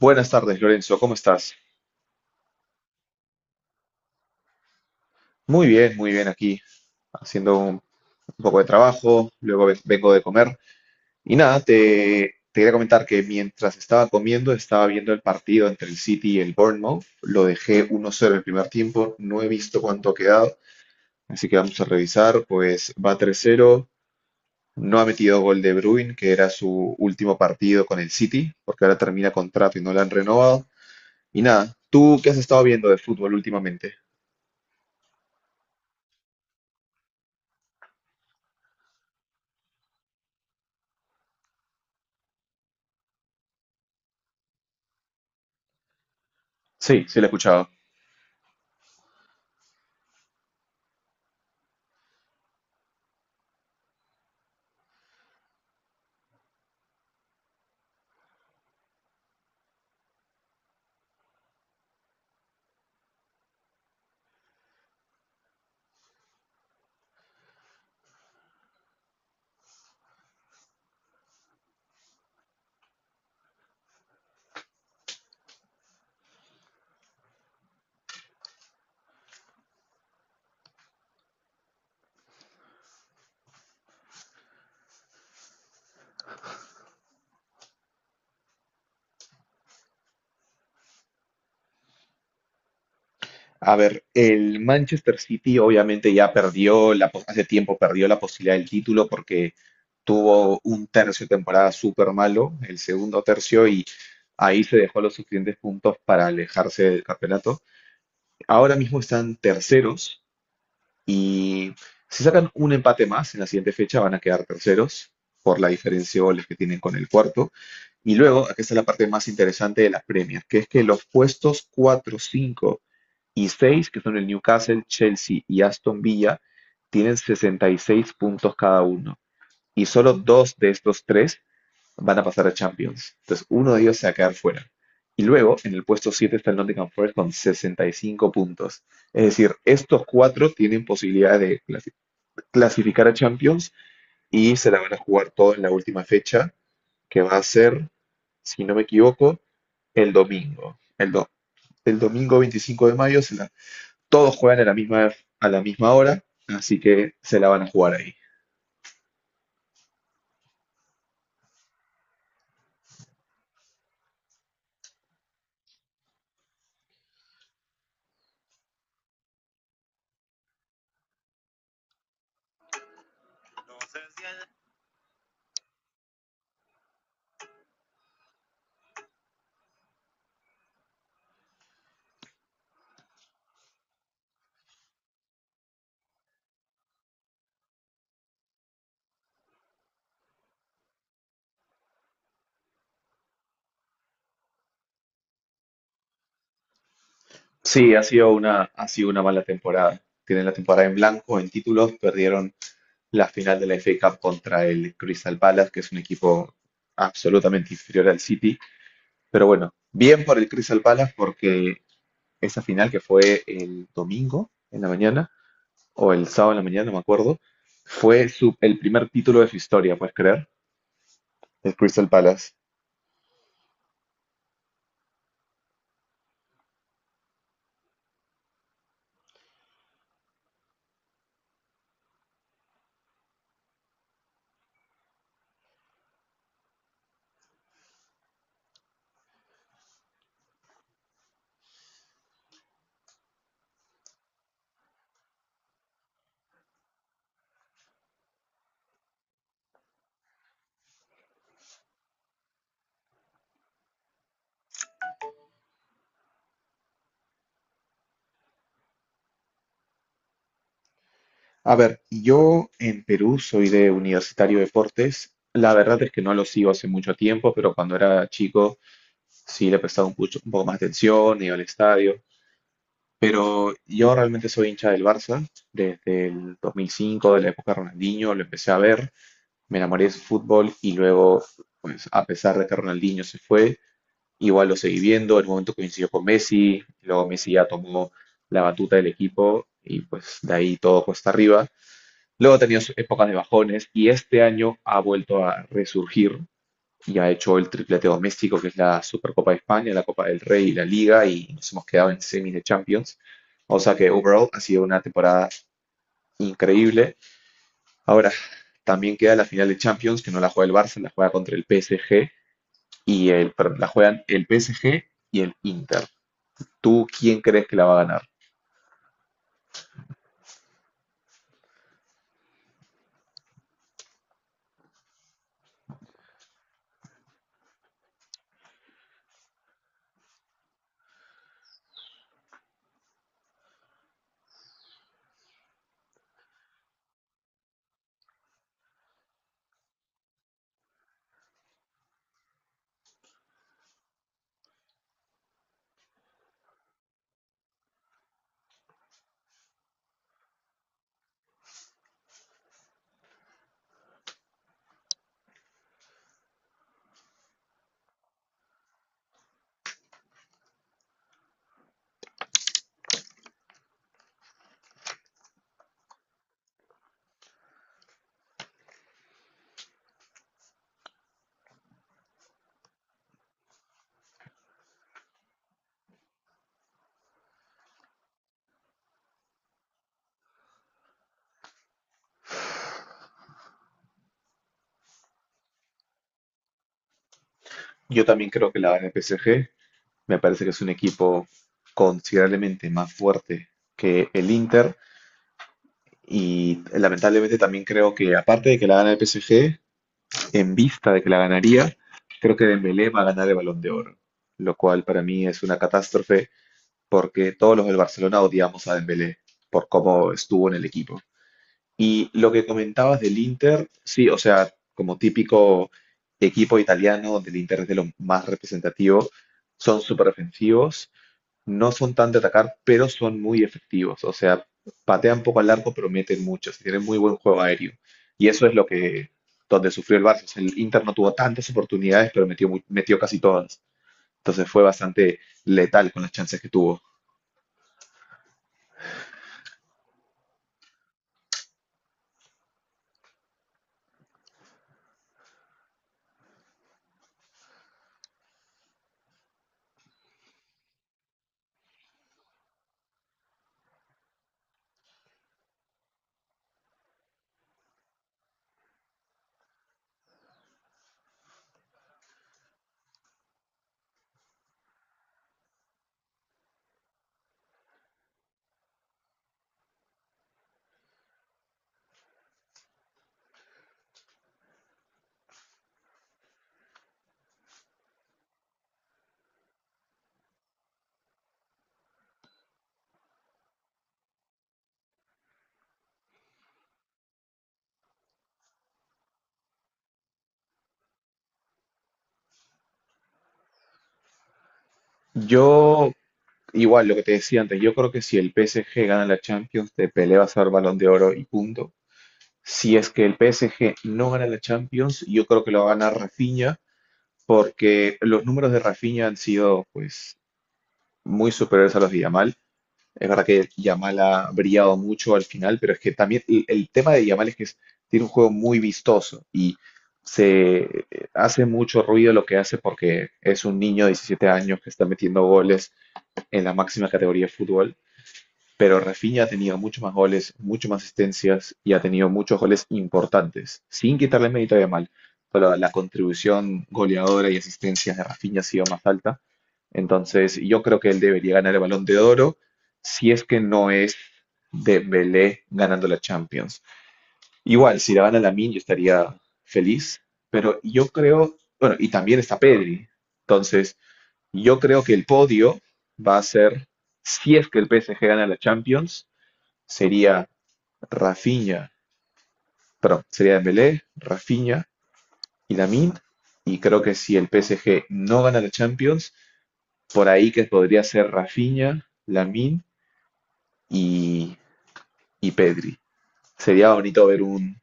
Buenas tardes, Lorenzo, ¿cómo estás? Muy bien aquí, haciendo un poco de trabajo, luego vengo de comer. Y nada, te quería comentar que mientras estaba comiendo, estaba viendo el partido entre el City y el Bournemouth. Lo dejé 1-0 el primer tiempo, no he visto cuánto ha quedado, así que vamos a revisar. Pues va 3-0, no ha metido gol de Bruin, que era su último partido con el City, porque ahora termina contrato y no lo han renovado. Y nada, ¿tú qué has estado viendo de fútbol últimamente? Sí, sí lo he escuchado. A ver, el Manchester City obviamente ya perdió, hace tiempo perdió la posibilidad del título porque tuvo un tercio de temporada súper malo, el segundo tercio, y ahí se dejó los suficientes puntos para alejarse del campeonato. Ahora mismo están terceros y si sacan un empate más en la siguiente fecha van a quedar terceros por la diferencia de goles que tienen con el cuarto. Y luego, aquí está la parte más interesante de las premias, que es que los puestos 4 5 y seis, que son el Newcastle, Chelsea y Aston Villa, tienen 66 puntos cada uno. Y solo dos de estos tres van a pasar a Champions. Entonces, uno de ellos se va a quedar fuera. Y luego, en el puesto 7 está el Nottingham Forest con 65 puntos. Es decir, estos cuatro tienen posibilidad de clasificar a Champions y se la van a jugar todo en la última fecha, que va a ser, si no me equivoco, el domingo. El domingo 25 de mayo se la todos juegan a la misma hora, así que se la van a jugar ahí. Sí, ha sido una mala temporada. Tienen la temporada en blanco, en títulos, perdieron la final de la FA Cup contra el Crystal Palace, que es un equipo absolutamente inferior al City. Pero bueno, bien por el Crystal Palace porque esa final que fue el domingo en la mañana, o el sábado en la mañana, no me acuerdo, fue el primer título de su historia, ¿puedes creer? El Crystal Palace. A ver, yo en Perú soy de Universitario de Deportes. La verdad es que no lo sigo hace mucho tiempo, pero cuando era chico sí le prestaba un poco más de atención, iba al estadio. Pero yo realmente soy hincha del Barça. Desde el 2005, de la época de Ronaldinho, lo empecé a ver. Me enamoré de su fútbol y luego, pues a pesar de que Ronaldinho se fue, igual lo seguí viendo. En un momento coincidió con Messi, luego Messi ya tomó la batuta del equipo y pues de ahí todo cuesta arriba. Luego ha tenido sus épocas de bajones y este año ha vuelto a resurgir y ha hecho el triplete doméstico, que es la Supercopa de España, la Copa del Rey y la Liga, y nos hemos quedado en semis de Champions. O sea que overall ha sido una temporada increíble. Ahora, también queda la final de Champions, que no la juega el Barça, la juega contra el PSG y el, perdón, la juegan el PSG y el Inter. ¿Tú quién crees que la va a ganar? Yo también creo que la gana el PSG. Me parece que es un equipo considerablemente más fuerte que el Inter y lamentablemente también creo que aparte de que la gana el PSG, en vista de que la ganaría, creo que Dembélé va a ganar el Balón de Oro, lo cual para mí es una catástrofe porque todos los del Barcelona odiamos a Dembélé por cómo estuvo en el equipo. Y lo que comentabas del Inter, sí, o sea, como típico equipo italiano donde el Inter es de lo más representativo, son súper ofensivos, no son tan de atacar, pero son muy efectivos. O sea, patean poco al arco, pero meten muchos. Tienen muy buen juego aéreo. Y eso es lo que, donde sufrió el Barça. O sea, el Inter no tuvo tantas oportunidades, pero metió casi todas. Entonces fue bastante letal con las chances que tuvo. Yo, igual, lo que te decía antes, yo creo que si el PSG gana la Champions, te peleas a ser Balón de Oro y punto. Si es que el PSG no gana la Champions, yo creo que lo va a ganar Rafinha, porque los números de Rafinha han sido, pues, muy superiores a los de Yamal. Es verdad que Yamal ha brillado mucho al final, pero es que también el tema de Yamal es que tiene un juego muy vistoso y se hace mucho ruido lo que hace porque es un niño de 17 años que está metiendo goles en la máxima categoría de fútbol. Pero Rafinha ha tenido muchos más goles, mucho más asistencias y ha tenido muchos goles importantes, sin quitarle mérito a Yamal. Pero la contribución goleadora y asistencias de Rafinha ha sido más alta. Entonces, yo creo que él debería ganar el Balón de Oro si es que no es Dembélé ganando la Champions. Igual, si la gana Lamine, yo estaría feliz, pero yo creo, bueno, y también está Pedri. Entonces, yo creo que el podio va a ser, si es que el PSG gana la Champions, sería Rafinha, sería Dembélé, Rafinha y Lamine. Y creo que si el PSG no gana la Champions, por ahí que podría ser Rafinha, Lamine y, y Pedri. Sería bonito ver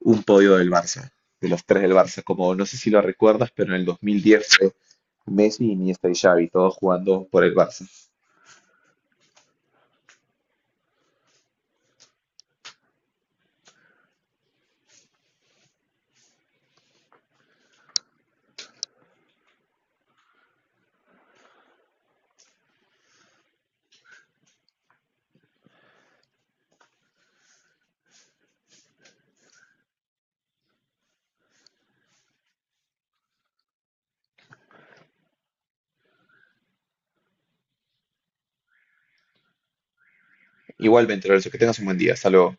un podio del Barça, de los tres del Barça, como no sé si lo recuerdas, pero en el 2010 fue Messi, Iniesta y Xavi, todos jugando por el Barça. Igualmente, Lorenzo, que tengas un buen día. Hasta luego.